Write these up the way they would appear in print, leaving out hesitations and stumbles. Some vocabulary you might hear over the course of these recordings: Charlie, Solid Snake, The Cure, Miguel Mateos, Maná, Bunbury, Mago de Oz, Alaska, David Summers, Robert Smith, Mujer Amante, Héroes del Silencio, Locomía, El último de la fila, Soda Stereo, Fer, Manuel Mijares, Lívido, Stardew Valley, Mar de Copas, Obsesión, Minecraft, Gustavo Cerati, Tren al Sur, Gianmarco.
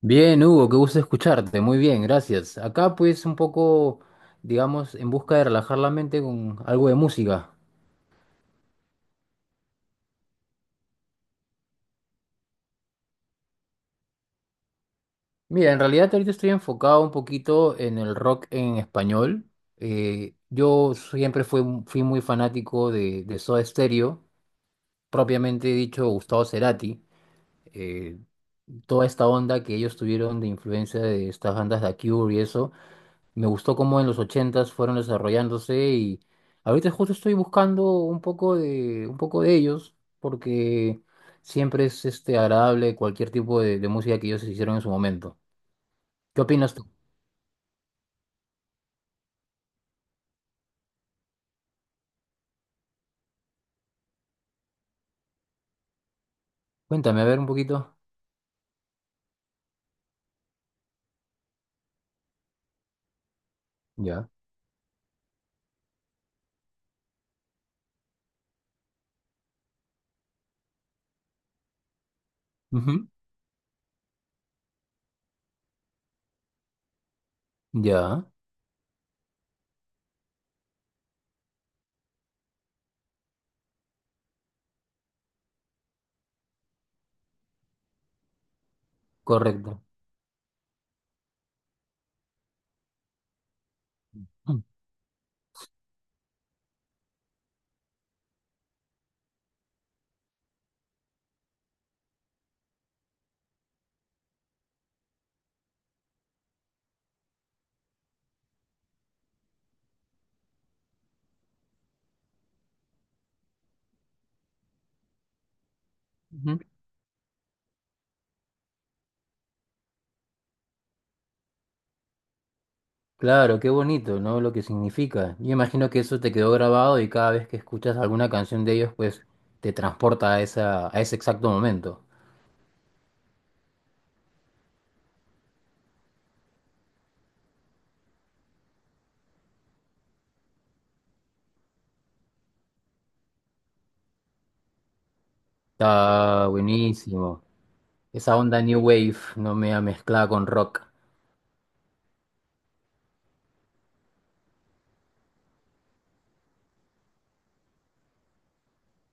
Bien, Hugo, qué gusto escucharte. Muy bien, gracias. Acá pues un poco, digamos, en busca de relajar la mente con algo de música. Mira, en realidad ahorita estoy enfocado un poquito en el rock en español. Yo siempre fui muy fanático de Soda Stereo, propiamente dicho Gustavo Cerati. Eh, Toda esta onda que ellos tuvieron de influencia de estas bandas de The Cure y eso. Me gustó cómo en los ochentas fueron desarrollándose y ahorita justo estoy buscando un poco de ellos porque siempre es agradable cualquier tipo de música que ellos hicieron en su momento. ¿Qué opinas tú? Cuéntame, a ver un poquito. Ya. Ujú. Ya, correcto. Mm. Ujú. Claro, qué bonito, ¿no? Lo que significa. Yo imagino que eso te quedó grabado y cada vez que escuchas alguna canción de ellos, pues te transporta a esa, a ese exacto momento. Está buenísimo. Esa onda New Wave no me ha mezclado con rock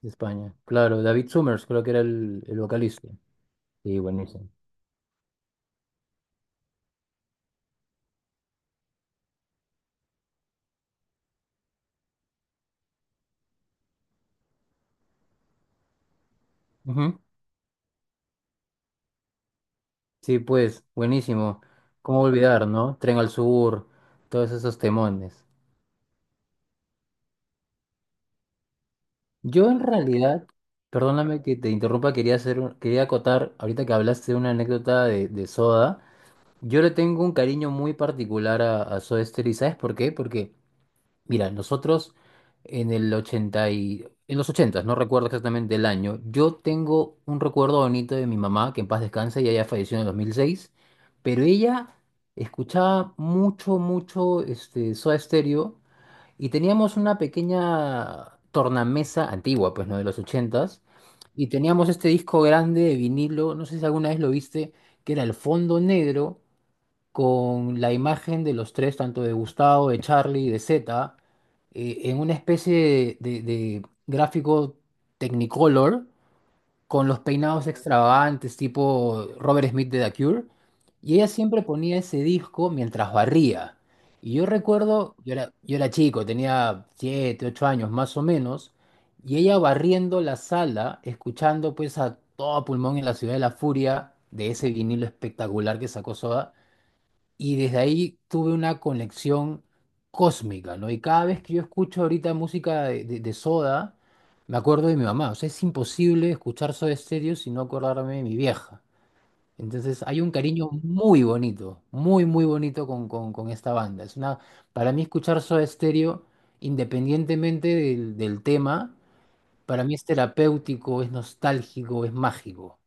de España. Claro, David Summers creo que era el vocalista. Sí, buenísimo. Ujú. Sí, pues, buenísimo. ¿Cómo olvidar, no? Tren al Sur, todos esos temones. Yo en realidad, perdóname que te interrumpa, quería hacer, quería acotar, ahorita que hablaste de una anécdota de Soda, yo le tengo un cariño muy particular a Soda Stereo, ¿y sabes por qué? Porque mira, nosotros en el 80, y, en los 80, no recuerdo exactamente el año, yo tengo un recuerdo bonito de mi mamá, que en paz descanse, y ella falleció en el 2006, pero ella escuchaba mucho, mucho Soda Stereo y teníamos una pequeña tornamesa antigua, pues, ¿no? De los 80. Y teníamos este disco grande de vinilo, no sé si alguna vez lo viste, que era el fondo negro con la imagen de los tres, tanto de Gustavo, de Charlie y de Z, en una especie de gráfico Technicolor, con los peinados extravagantes, tipo Robert Smith de The Cure, y ella siempre ponía ese disco mientras barría. Y yo recuerdo, yo era chico, tenía 7 8 años más o menos, y ella barriendo la sala, escuchando pues a todo pulmón en la ciudad de la furia de ese vinilo espectacular que sacó Soda. Y desde ahí tuve una conexión cósmica, ¿no? Y cada vez que yo escucho ahorita música de Soda, me acuerdo de mi mamá. O sea, es imposible escuchar Soda Stereo sin no acordarme de mi vieja. Entonces hay un cariño muy bonito, muy, muy bonito con esta banda. Para mí escuchar Soda Stereo, independientemente del tema, para mí es terapéutico, es nostálgico, es mágico.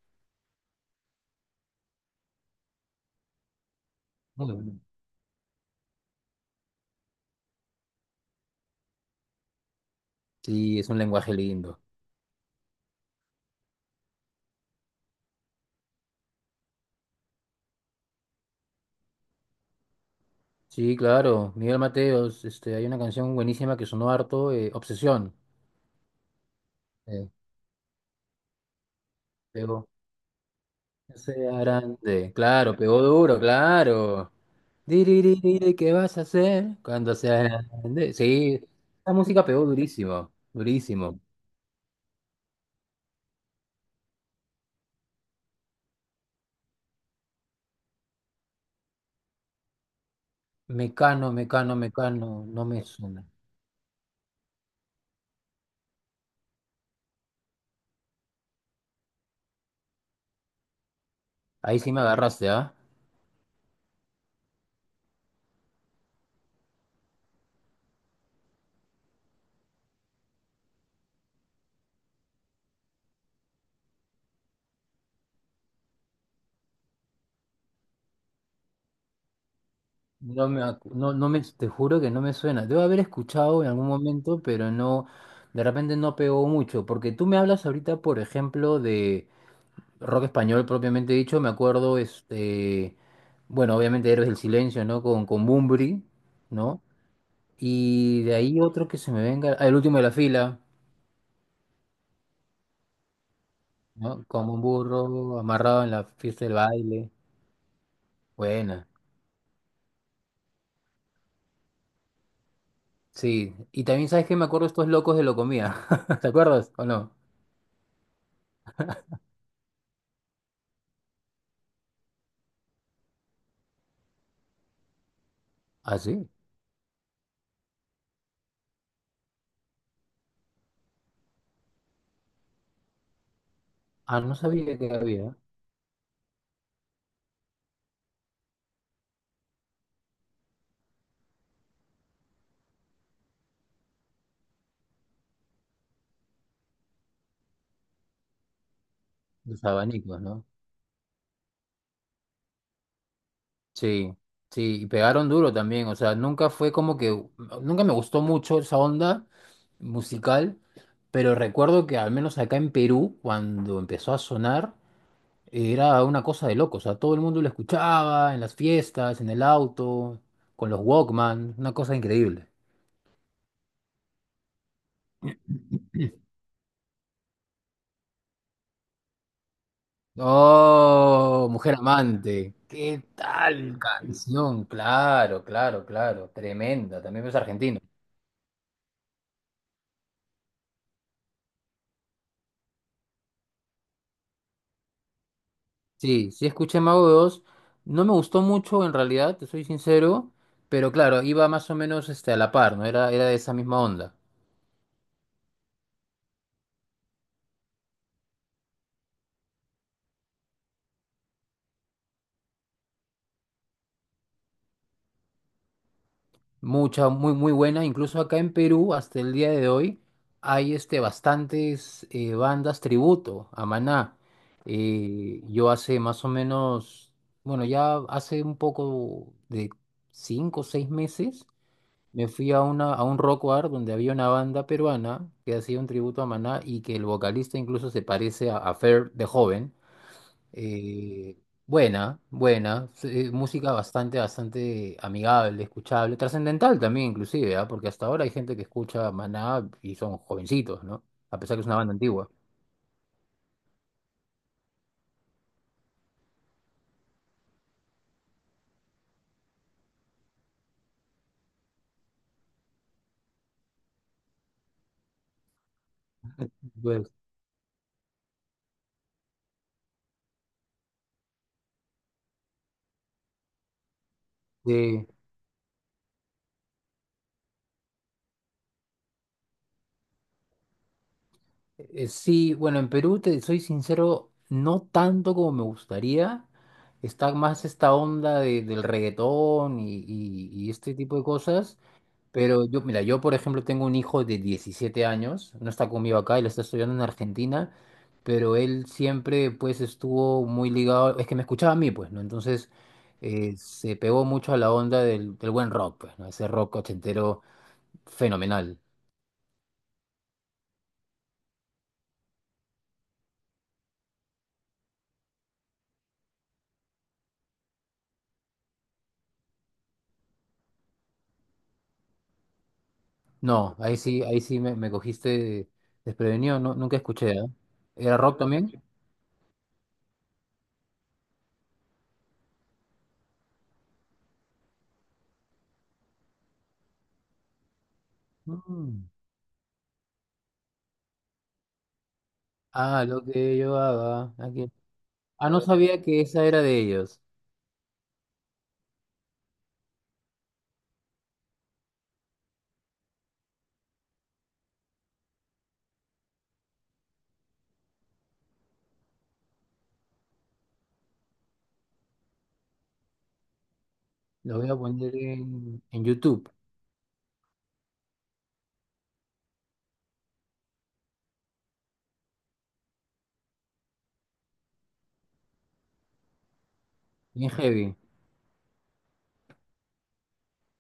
Muy bueno. Sí, es un lenguaje lindo. Sí, claro, Miguel Mateos, hay una canción buenísima que sonó harto, Obsesión. Eh, Pegó. Ese grande, claro, pegó duro, claro. Diriririri, ¿qué vas a hacer cuando sea grande? Sí, la música pegó durísimo, durísimo. Mecano, mecano, mecano, no me suena. Ahí sí me agarraste, ¿ah? No me, no, te juro que no me suena. Debo haber escuchado en algún momento, pero no, de repente no pegó mucho, porque tú me hablas ahorita, por ejemplo, de rock español propiamente dicho, me acuerdo, bueno, obviamente Héroes del Silencio, ¿no? Con Bunbury, ¿no? Y de ahí otro que se me venga, ah, El último de la fila, ¿no? Como un burro amarrado en la fiesta del baile. Buena, sí. Y también, ¿sabes qué? Me acuerdo de estos locos de Locomía, ¿te acuerdas o no? Ah, sí. Ah, no sabía que había los abanicos, ¿no? Sí, sí, y pegaron duro también, o sea, nunca fue como que, nunca me gustó mucho esa onda musical, pero recuerdo que al menos acá en Perú, cuando empezó a sonar, era una cosa de loco, o sea, todo el mundo lo escuchaba en las fiestas, en el auto, con los Walkman, una cosa increíble. Oh, Mujer Amante, ¿qué tal canción? Claro, claro, claro, tremenda, también es argentina. Sí, sí escuché Mago de Oz. No me gustó mucho en realidad, te soy sincero, pero claro, iba más o menos a la par, ¿no? Era de esa misma onda. Mucha, muy, muy buena. Incluso acá en Perú, hasta el día de hoy, hay bastantes bandas tributo a Maná. Yo hace más o menos, bueno, ya hace un poco de 5 o 6 meses. Me fui a, a un rock bar donde había una banda peruana que hacía un tributo a Maná y que el vocalista incluso se parece a Fer de joven. Eh, Buena, buena, música bastante, bastante amigable, escuchable, trascendental también inclusive, ¿ah? Porque hasta ahora hay gente que escucha Maná y son jovencitos, ¿no? A pesar que es una banda antigua. Pues, sí. Sí, bueno, en Perú, te soy sincero, no tanto como me gustaría. Está más esta onda del reggaetón y este tipo de cosas. Pero yo, mira, yo por ejemplo tengo un hijo de 17 años, no está conmigo acá, él está estudiando en Argentina, pero él siempre pues estuvo muy ligado, es que me escuchaba a mí pues, ¿no? Entonces se pegó mucho a la onda del buen rock, pues, ¿no? Ese rock ochentero fenomenal. No, ahí sí me cogiste desprevenido, no, nunca escuché, ¿ah? ¿Era rock también? Mm. Ah, lo que llevaba aquí. Ah, no sabía que esa era de ellos. Lo voy a poner en, YouTube, bien heavy.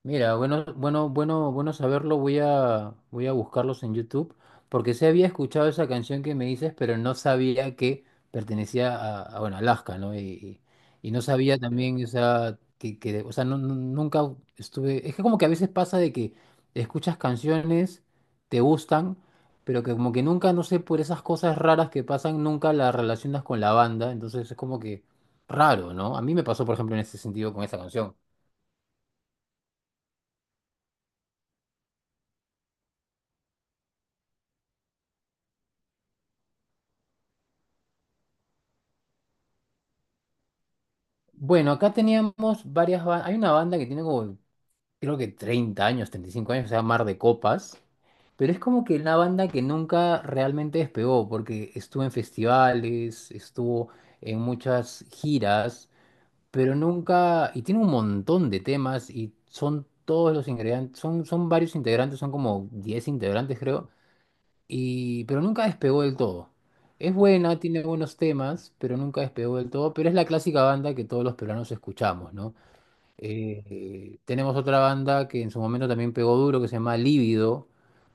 Mira, bueno, bueno, bueno, bueno saberlo. Voy a buscarlos en YouTube porque sí había escuchado esa canción que me dices, pero no sabía que pertenecía a, bueno, Alaska, ¿no? Y no sabía también, o sea, o sea, nunca estuve. Es que como que a veces pasa de que escuchas canciones, te gustan, pero que como que nunca, no sé, por esas cosas raras que pasan, nunca las relacionas con la banda. Entonces es como que raro, ¿no? A mí me pasó, por ejemplo, en ese sentido con esa canción. Bueno, acá teníamos varias bandas. Hay una banda que tiene como, creo que 30 años, 35 años, se llama Mar de Copas. Pero es como que una banda que nunca realmente despegó, porque estuvo en festivales, estuvo en muchas giras, pero nunca. Y tiene un montón de temas y son todos los ingredientes, son varios integrantes, son como 10 integrantes, creo. Y, pero nunca despegó del todo. Es buena, tiene buenos temas, pero nunca despegó del todo. Pero es la clásica banda que todos los peruanos escuchamos, ¿no? Tenemos otra banda que en su momento también pegó duro, que se llama Lívido,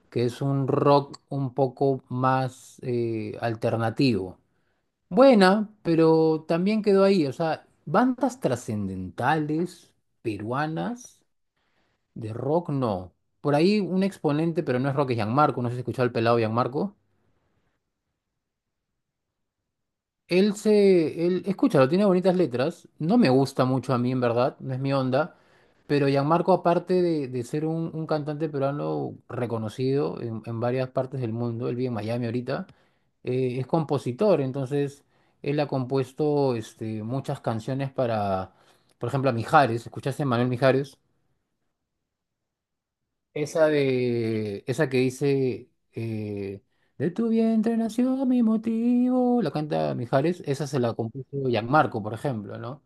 que es un rock un poco más alternativo. Buena, pero también quedó ahí. O sea, bandas trascendentales peruanas de rock, no. Por ahí un exponente, pero no es rock, es Gianmarco. No sé si has escuchado el pelado Gianmarco. Él se, él, escúchalo, tiene bonitas letras. No me gusta mucho a mí, en verdad, no es mi onda. Pero Gianmarco, aparte de ser un cantante peruano reconocido en varias partes del mundo, él vive en Miami ahorita, es compositor. Entonces, él ha compuesto muchas canciones para, por ejemplo, a Mijares. ¿Escuchaste a Manuel Mijares? Esa que dice, de tu vientre nació mi motivo, la canta Mijares, esa se la compuso Gianmarco, por ejemplo, ¿no?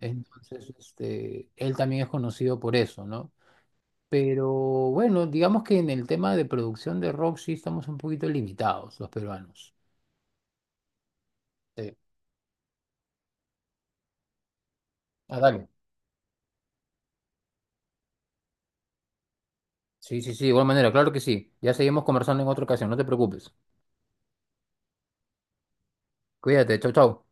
Entonces, él también es conocido por eso, ¿no? Pero bueno, digamos que en el tema de producción de rock sí estamos un poquito limitados los peruanos. Sí. Ah, dale. Sí, sí, sí, de igual manera, claro que sí. Ya seguimos conversando en otra ocasión, no te preocupes. Cuídate, chau, chau.